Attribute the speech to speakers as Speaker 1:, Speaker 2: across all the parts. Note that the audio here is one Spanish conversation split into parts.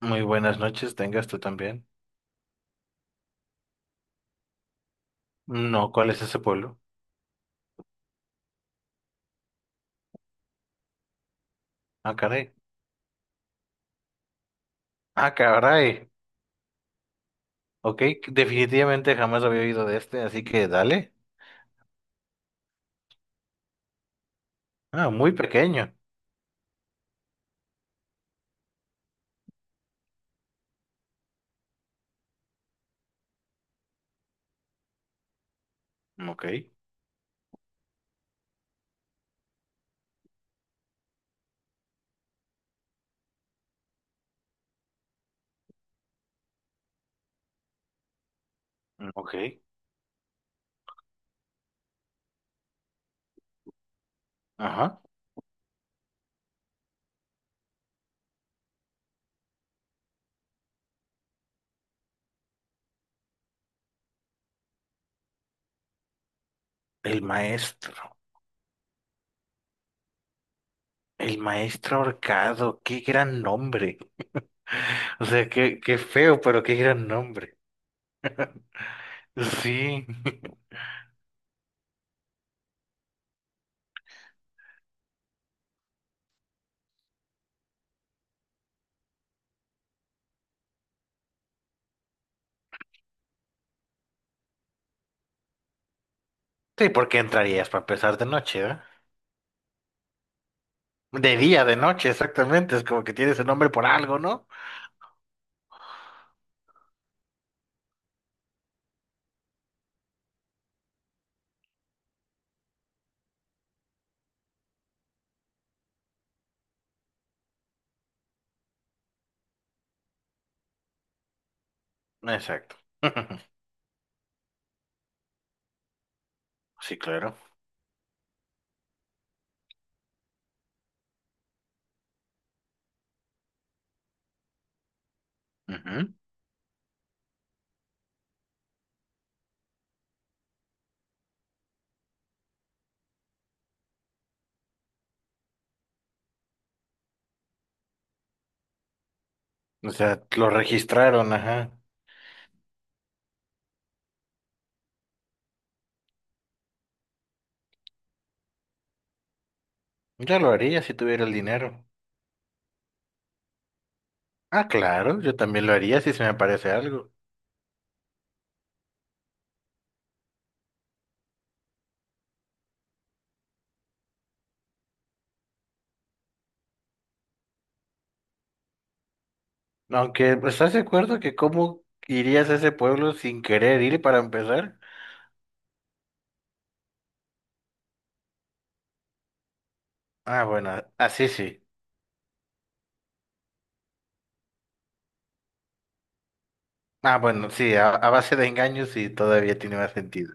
Speaker 1: Muy buenas noches, tengas tú también. No, ¿cuál es ese pueblo? Ah, caray. Ah, caray. Ok, definitivamente jamás había oído de este, así que dale. Ah, muy pequeño. Ok, ok. Ajá. El maestro. El maestro ahorcado. Qué gran nombre. O sea, qué feo, pero qué gran nombre. Sí. Sí, porque entrarías para empezar de noche, ¿verdad? De día, de noche, exactamente. Es como que tienes el nombre por algo, ¿no? Exacto. Sí, claro. Ujú. O sea, lo registraron, ajá. Yo lo haría si tuviera el dinero. Ah, claro, yo también lo haría si se me aparece algo. Aunque, pues, ¿estás de acuerdo que cómo irías a ese pueblo sin querer ir para empezar? Ah, bueno, así sí. Ah, bueno, sí, a base de engaños y todavía tiene más sentido.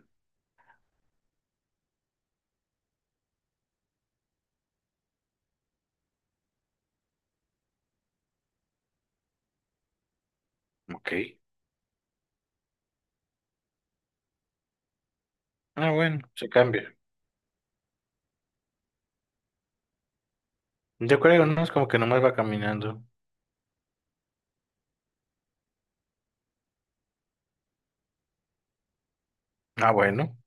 Speaker 1: Ok. Ah, bueno, se cambia. Yo creo, ¿no? Es como que nomás va caminando. Ah, bueno.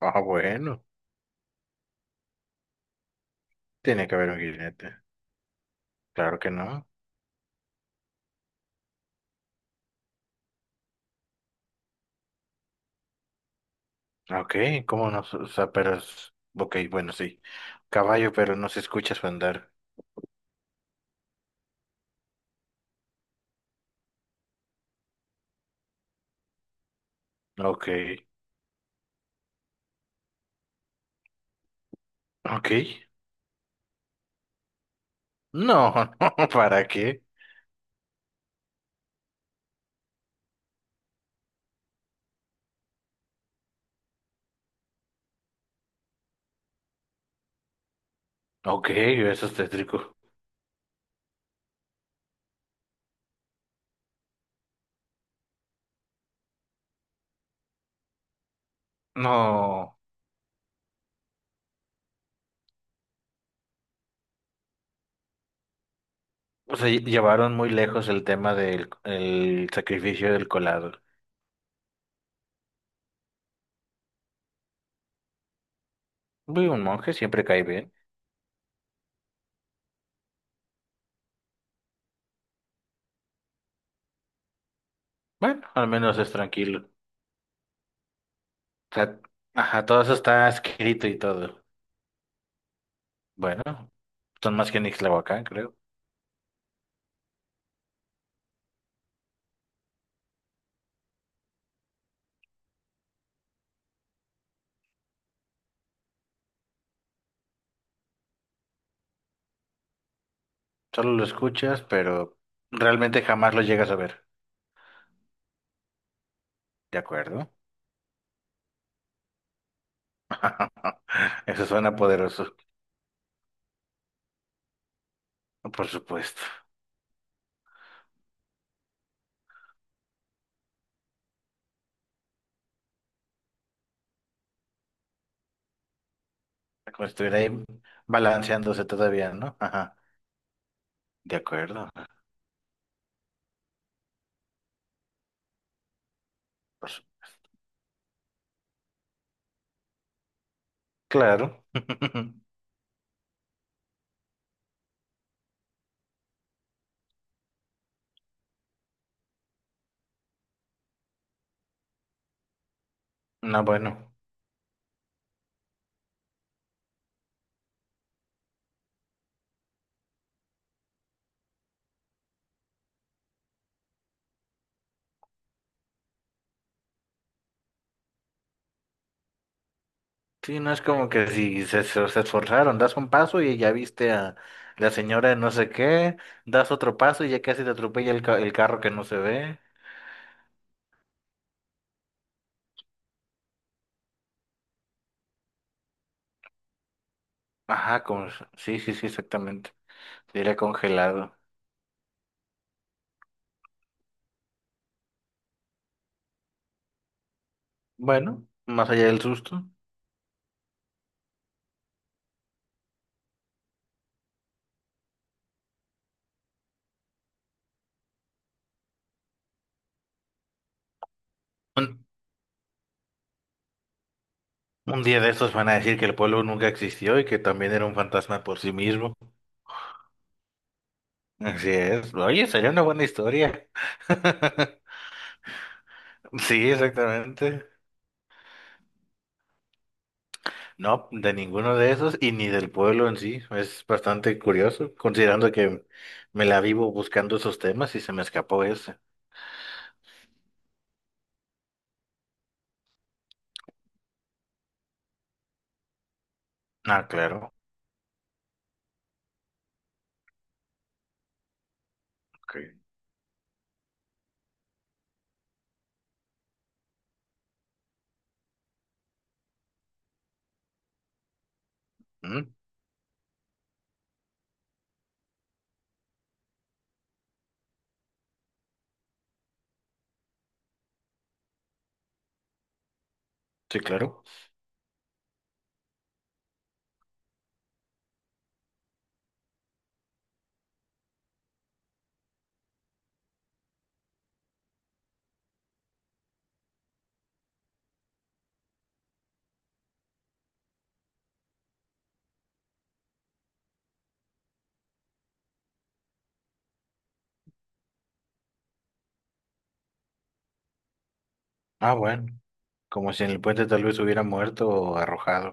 Speaker 1: Ah, bueno. Tiene que haber un jinete. Claro que no. Ah, Ok, ¿cómo no? O sea, pero es... Ok, bueno, sí. Caballo, pero no se escucha su andar. Ok, ok. No, no, ¿para qué? Ok, eso es tétrico. No, o sea, llevaron muy lejos el tema del el sacrificio del colado. Uy, un monje siempre cae bien. Bueno, al menos es tranquilo. O sea, ajá, todo eso está escrito y todo. Bueno, son más que Nixlahuacán, creo. Solo lo escuchas, pero realmente jamás lo llegas a ver. ¿De acuerdo? Eso suena poderoso, por supuesto. Como si estuviera ahí balanceándose todavía, ¿no? Ajá. De acuerdo. Pues, claro. No, bueno. Sí, no es como que si se esforzaron, das un paso y ya viste a la señora de no sé qué, das otro paso y ya casi te atropella el carro que no se ve. Ajá, como, sí, sí, sí, exactamente. Diría congelado. Bueno, más allá del susto. Un día de estos van a decir que el pueblo nunca existió y que también era un fantasma por sí mismo. Así es. Oye, sería una buena historia. Sí, exactamente. No, de ninguno de esos y ni del pueblo en sí. Es bastante curioso, considerando que me la vivo buscando esos temas y se me escapó ese. Ah, claro. Ok. Mm, sí, claro. Ah, bueno. Como si en el puente tal vez hubiera muerto o arrojado.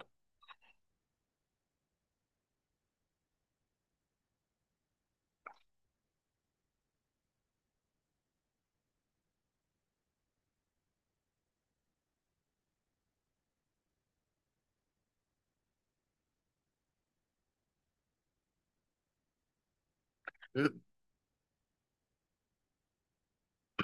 Speaker 1: Mm.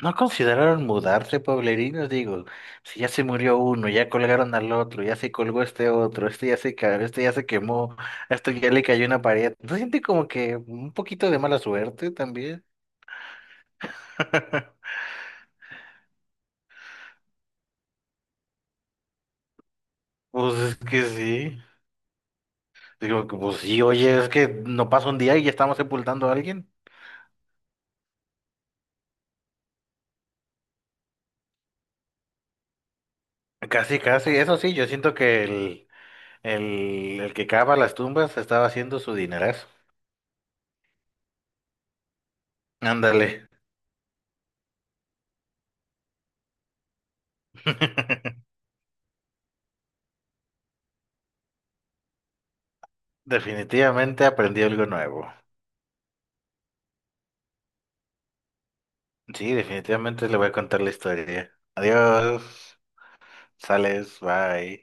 Speaker 1: ¿No consideraron mudarse, pueblerinos? Digo, si ya se murió uno, ya colgaron al otro, ya se colgó este otro, este ya se cayó, este ya se quemó, a esto ya le cayó una pared. ¿No siente como que un poquito de mala suerte también? Pues es que sí. Digo, que, pues sí, oye, es que no pasa un día y ya estamos sepultando a alguien. Casi, casi. Eso sí, yo siento que el que cava las tumbas estaba haciendo su dinerazo. Ándale. Definitivamente aprendí algo nuevo. Sí, definitivamente le voy a contar la historia. Adiós, sales, bye.